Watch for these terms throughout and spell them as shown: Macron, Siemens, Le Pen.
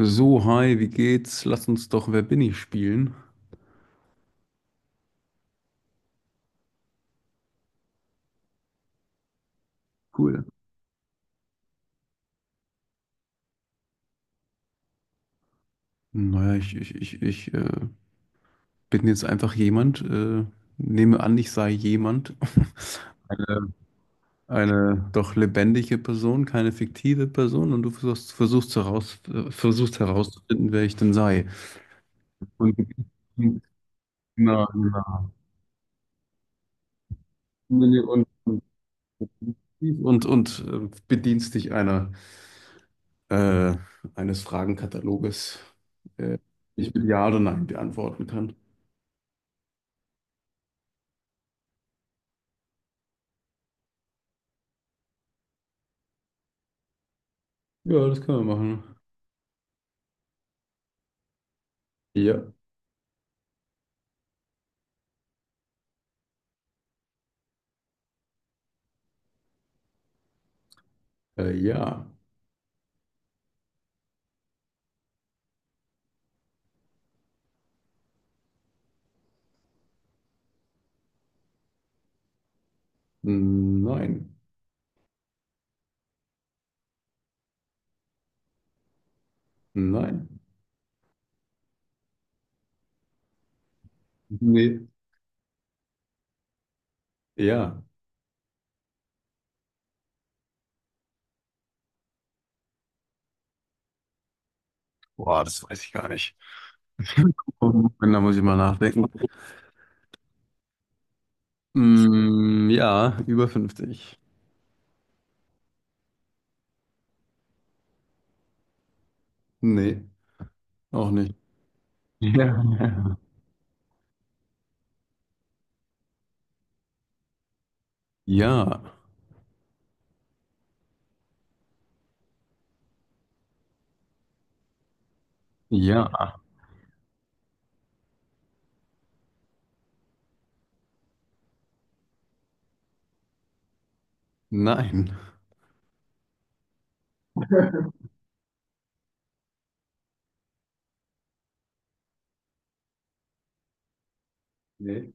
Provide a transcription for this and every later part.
So, hi, wie geht's? Lass uns doch Wer bin ich spielen. Cool. Naja, ich bin jetzt einfach jemand, nehme an, ich sei jemand. Eine, eine doch lebendige Person, keine fiktive Person und du versuchst herauszufinden, wer ich denn sei. Und, na, na. Und, und, und, bedienst dich einer äh, eines Fragenkataloges, äh, ich mit Ja oder Nein beantworten kann. Ja, das können wir machen. Ja, ja, nein, nein, nee, ja. Boah, das weiß ich gar nicht. Da muss ich mal nachdenken. Mm, ja, über fünfzig. Nee, auch nicht. Ja. Ja, ja, nein. Nee,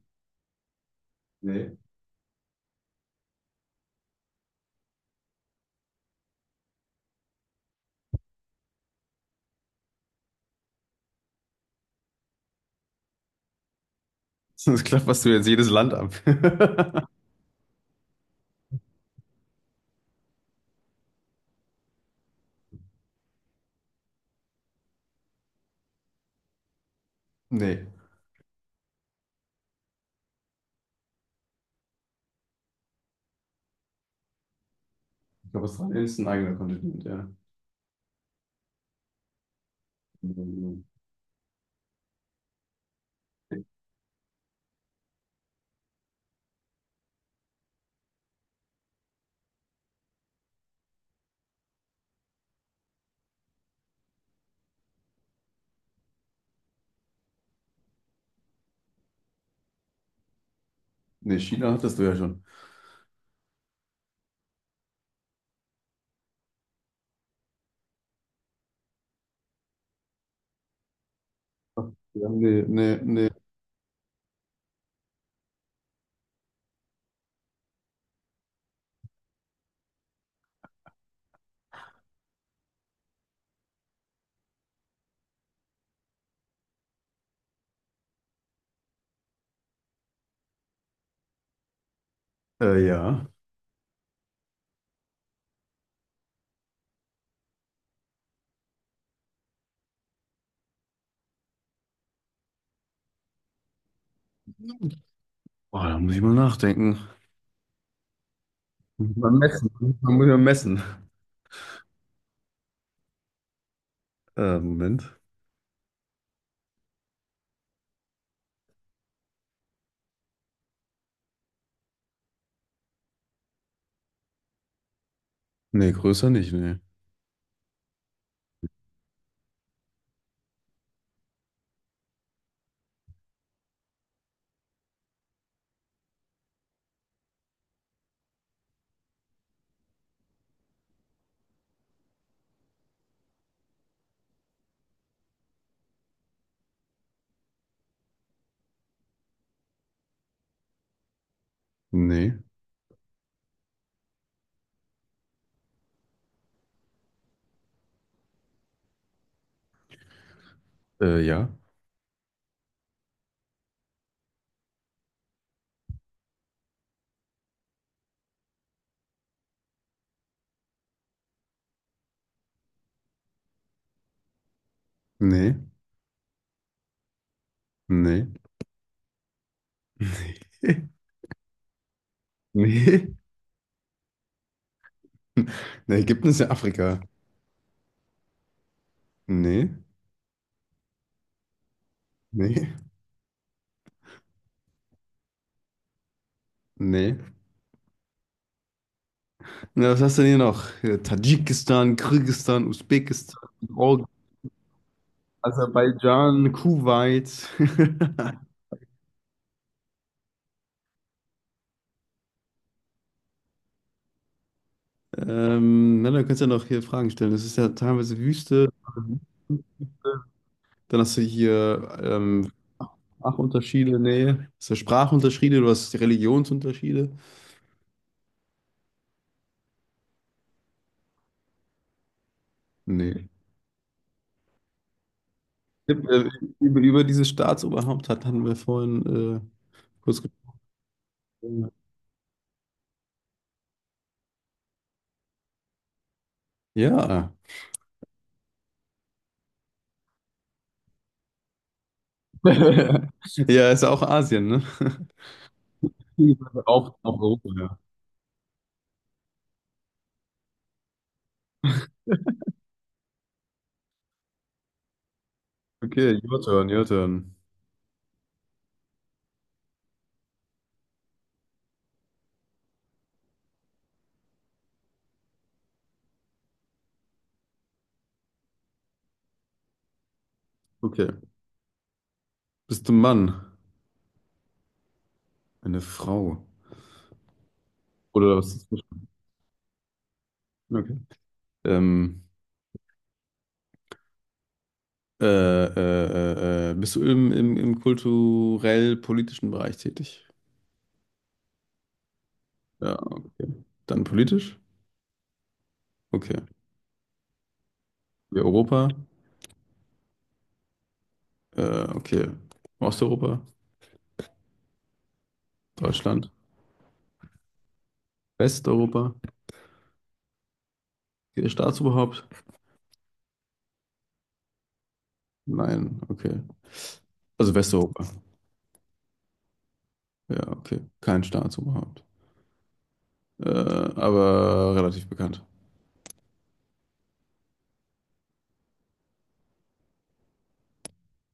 nee. Sonst klapperst du jetzt jedes Land ab. Nee. Ich glaube, Australien ist ein eigener Kontinent, ja. Ne, China hattest du ja schon. Ja, nee, nee, nee. Ja. Boah, da muss ich mal nachdenken. Muss ich mal messen. Man muss ja messen. Moment. Nee, größer nicht, nee. Nee. Ja. Nee. Nee. Nee. Nee, Ägypten ist ja Afrika. Nee. Nee. Nee. Na, was hast du denn hier noch? Tadschikistan, Kirgisistan, Usbekistan, Org- Aserbaidschan, Kuwait. Na, dann kannst du ja noch hier Fragen stellen. Das ist ja teilweise Wüste. Dann hast du hier Sprachunterschiede, nee. Hast du Sprachunterschiede, du hast Religionsunterschiede. Nee. Über, über dieses Staatsoberhaupt hatten wir vorhin kurz gesprochen. Ja. Ja, ist ja auch Asien, ne? Auch Europa, ja. Okay, your turn, your turn. Okay. Bist du ein Mann? Eine Frau. Oder was ist das? Okay. Ähm, Äh, äh, bist du im kulturell-politischen Bereich tätig? Ja, okay. Dann politisch? Okay. Wir Europa? Äh, okay. Osteuropa? Deutschland? Westeuropa? Okay, Staatsoberhaupt? Nein, okay. Also Westeuropa. Ja, okay. Kein Staatsoberhaupt. Aber relativ bekannt.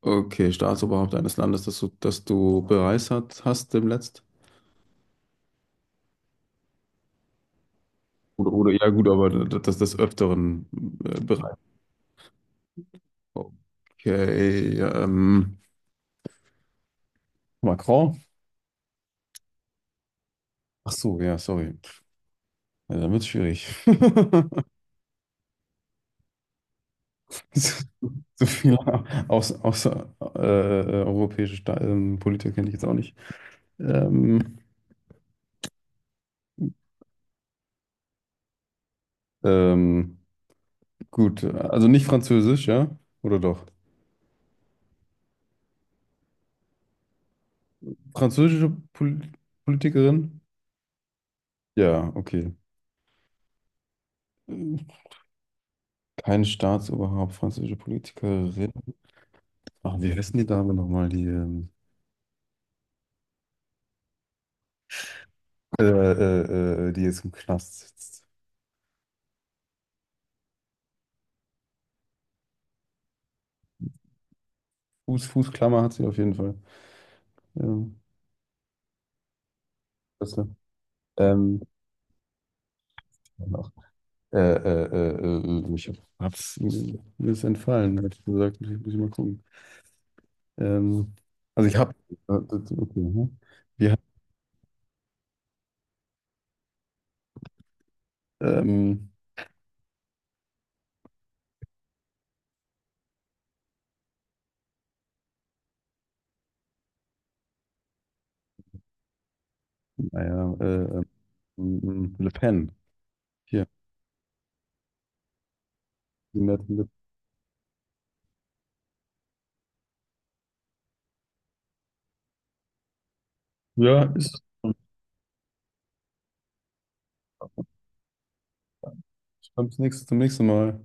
Okay, Staatsoberhaupt eines Landes, das du bereist hast demnächst? Oder, ja, gut, aber das des Öfteren bereist. Okay, Macron? Ach so, ja, sorry. Ja, dann wird's schwierig. So viele außer, europäische Sta Politiker kenne ich jetzt auch nicht. Ähm, ähm, gut, also nicht französisch, ja? Oder doch? Französische Politikerin? Ja, okay. Kein Staatsoberhaupt, französische Politikerin. Ach, wie heißen die Dame nochmal, die jetzt im Knast sitzt? Fußklammer hat sie auf jeden Fall. Ja, klasse. Ähm, noch. Ich hab's, mir ist entfallen, hätte ich gesagt. Muss ich mal gucken. Ähm, also ich hab, okay, hm. Wir haben, ähm, naja, äh, Le Pen. Hier. Die nette Le- Ja, ist. Bis zum nächsten Mal.